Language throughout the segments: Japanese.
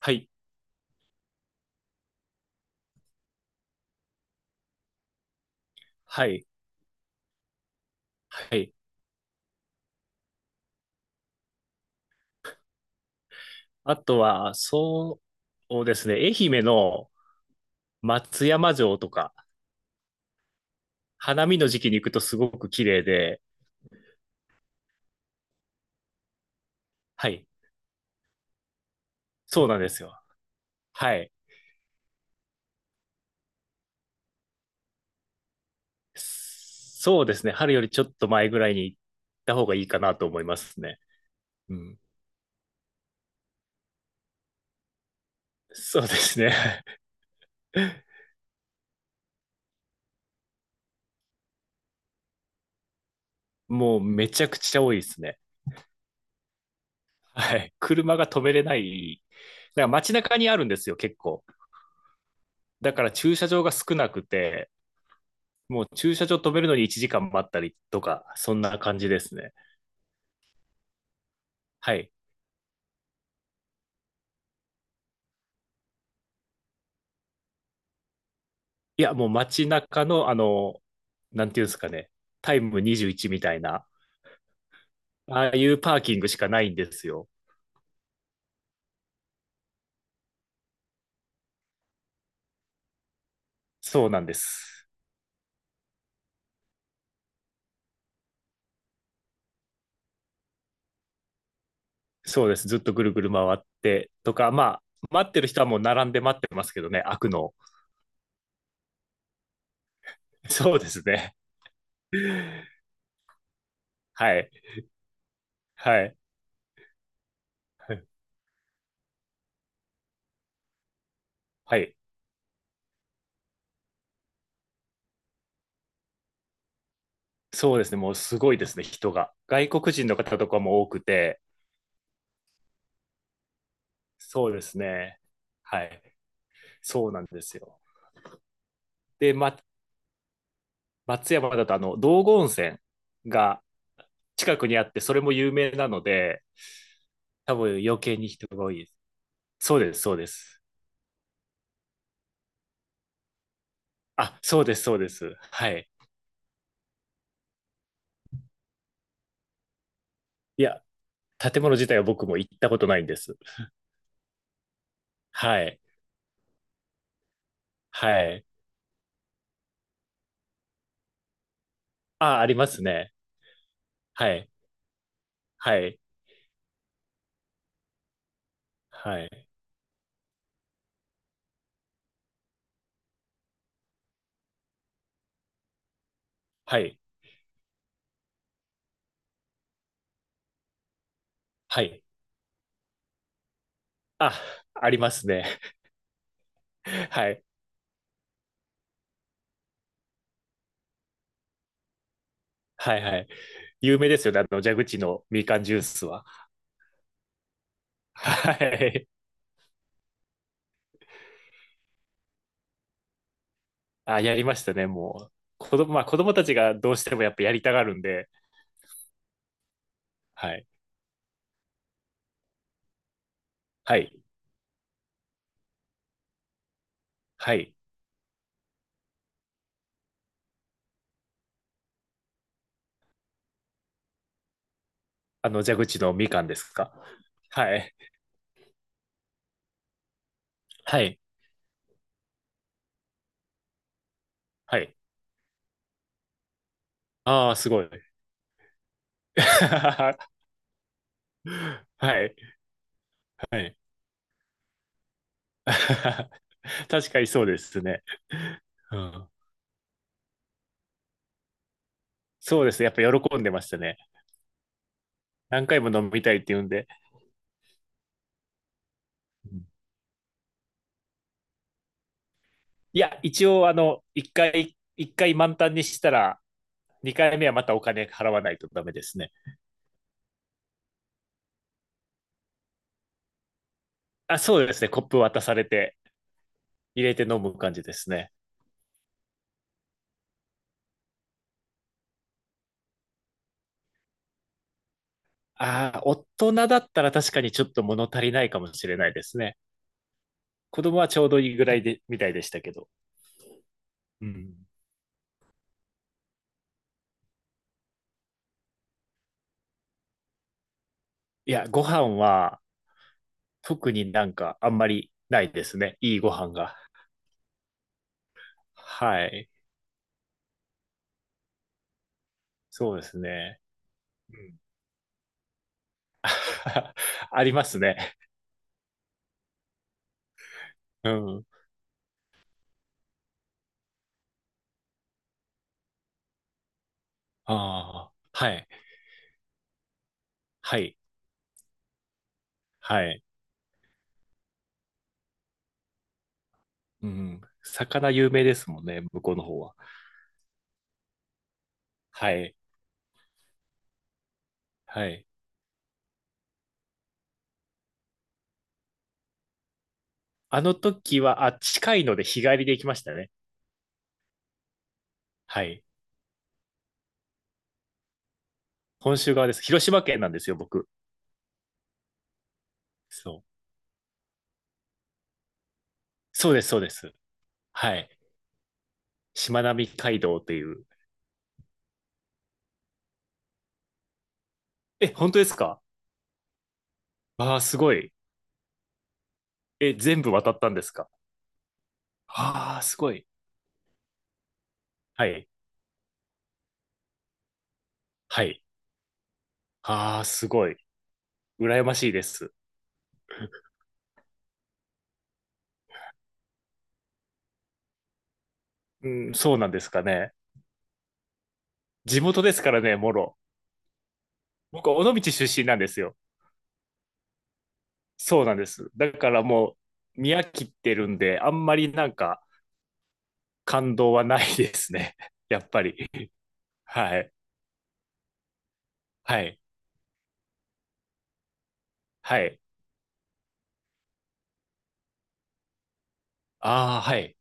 はい、はい、はい。あとは、そうですね、愛媛の松山城とか、花見の時期に行くとすごく綺麗で、はい、そうなんですよ。はい。そうですね、春よりちょっと前ぐらいに行った方がいいかなと思いますね。うん。そうですね。もうめちゃくちゃ多いですね。はい。車が止めれない。だから街中にあるんですよ、結構。だから駐車場が少なくて、もう駐車場止めるのに1時間待ったりとか、そんな感じですね。はい。いや、もう街中の、なんていうんですかね、タイム21みたいな、ああいうパーキングしかないんですよ。そうなんです。そうです。ずっとぐるぐる回ってとか、まあ、待ってる人はもう並んで待ってますけどね、開くのを。そうですね。はい。はい。はい。そうですね。もうすごいですね、人が。外国人の方とかも多くて、そうですね。はい。そうなんですよ。で、ま、松山だとあの道後温泉が近くにあって、それも有名なので、多分余計に人が多いです。そうです、そうです。あ、そうです、そうです。はい。いや、建物自体は僕も行ったことないんです。はい。はい。あ、ありますね。はい。はい。はい。はい。はい。あ、ありますね。はい。はい。はい。有名ですよね。蛇口のみかんジュースは。はい。あ、やりましたね、もう。子供、まあ子供たちがどうしてもやっぱやりたがるんで、はい。はい。はい。蛇口のみかんですか。はい。はい。はい。ああ、すごい。はい。はい。確かにそうですね。うん。そうですね。やっぱ喜んでましたね。何回も飲みたいって言うんで。うん。いや、一応、一回満タンにしたら、二回目はまたお金払わないとダメですね。あ、そうですね。コップ渡されて、入れて飲む感じですね。ああ、大人だったら確かにちょっと物足りないかもしれないですね。子供はちょうどいいぐらいで、みたいでしたけど。うん。いや、ご飯は特になんかあんまりないですね。いいご飯が。はい。そうですね。うん。ありますね。うん。ああ、はい。はい。はい。うん。魚有名ですもんね、向こうの方は。はい。はい。あの時は、あ、近いので日帰りで行きましたね。はい。本州側です。広島県なんですよ、僕。そう。そうです、そうです。はい。しまなみ海道という。え、本当ですか？ああ、すごい。え、全部渡ったんですか？ああ、すごい。はい。はい。ああ、すごい。羨ましいです。うん、そうなんですかね。地元ですからね、もろ。僕、尾道出身なんですよ。そうなんです。だからもう、見飽きてるんで、あんまりなんか感動はないですね。やっぱり。はい。はい。はい。ああ、はい。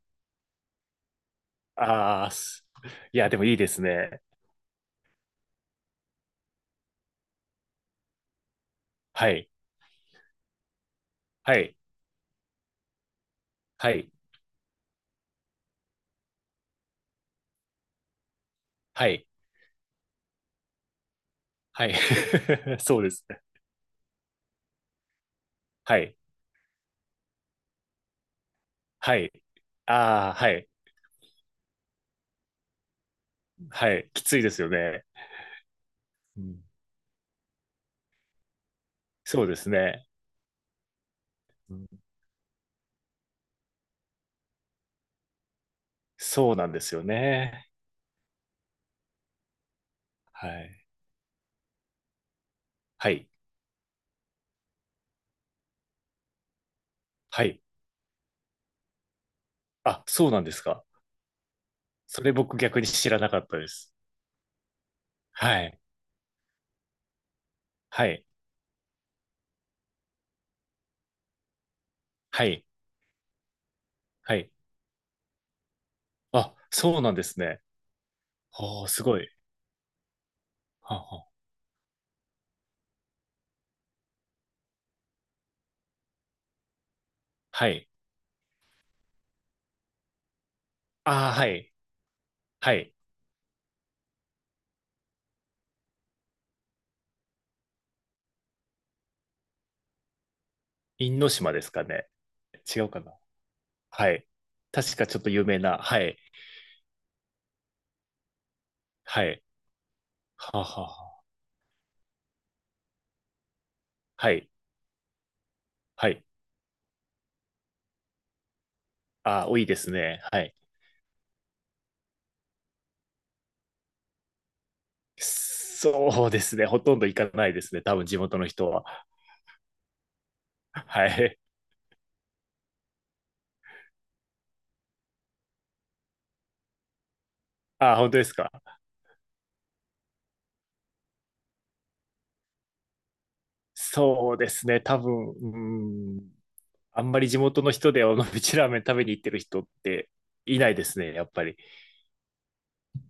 ああ、す、いや、でもいいですね。はい。はい。はい。はい。はい。そうですね。はい。はい。ああ、はい。はい。きついですよね。うん、そうですね。うん、そうなんですよね。はい。はい。はい。あ、そうなんですか。それ僕逆に知らなかったです。はい。はい。はい。はい。あ、そうなんですね。おー、すごい。はあはあ、はい。ああ、はい。はい。因島ですかね。違うかな。はい。確かちょっと有名な。はい。はい。はあはあはあ。はい。はい。あ、多いですね。はい。そうですね。ほとんど行かないですね。多分地元の人は。はい。あ、本当ですか。そうですね。多分、うん。あんまり地元の人で尾道ラーメン食べに行ってる人っていないですね。やっぱり。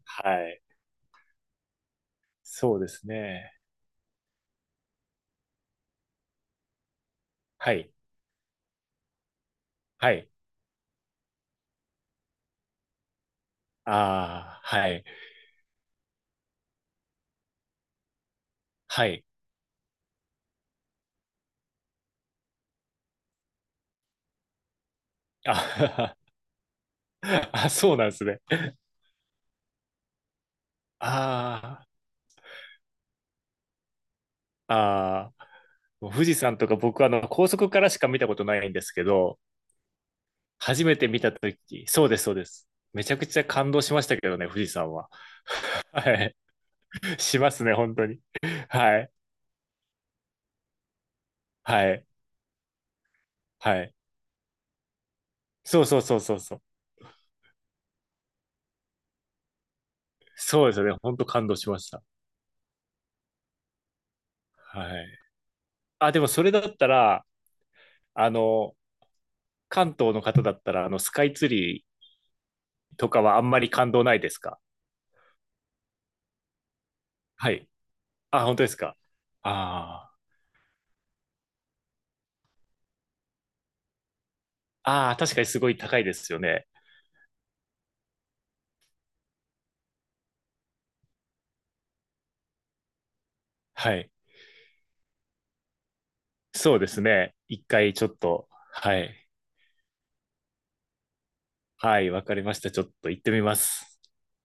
はい。そうですね。はい。はい。ああ、はい。はい。あ、あ、そうなんですね。ああ、ああ。もう富士山とか僕はあの高速からしか見たことないんですけど、初めて見たとき、そうです、そうです。めちゃくちゃ感動しましたけどね、富士山は。はい。しますね、本当に。はい。はい。はい。そうそうそうそうそう。そうですよね、本当感動しました。はい。あ、でもそれだったら、あの、関東の方だったら、スカイツリーとかはあんまり感動ないですか？はい。あ、本当ですか。ああ。ああ、確かにすごい高いですよね。はい。そうですね。一回ちょっと、はい。はい、わかりました。ちょっと行ってみます。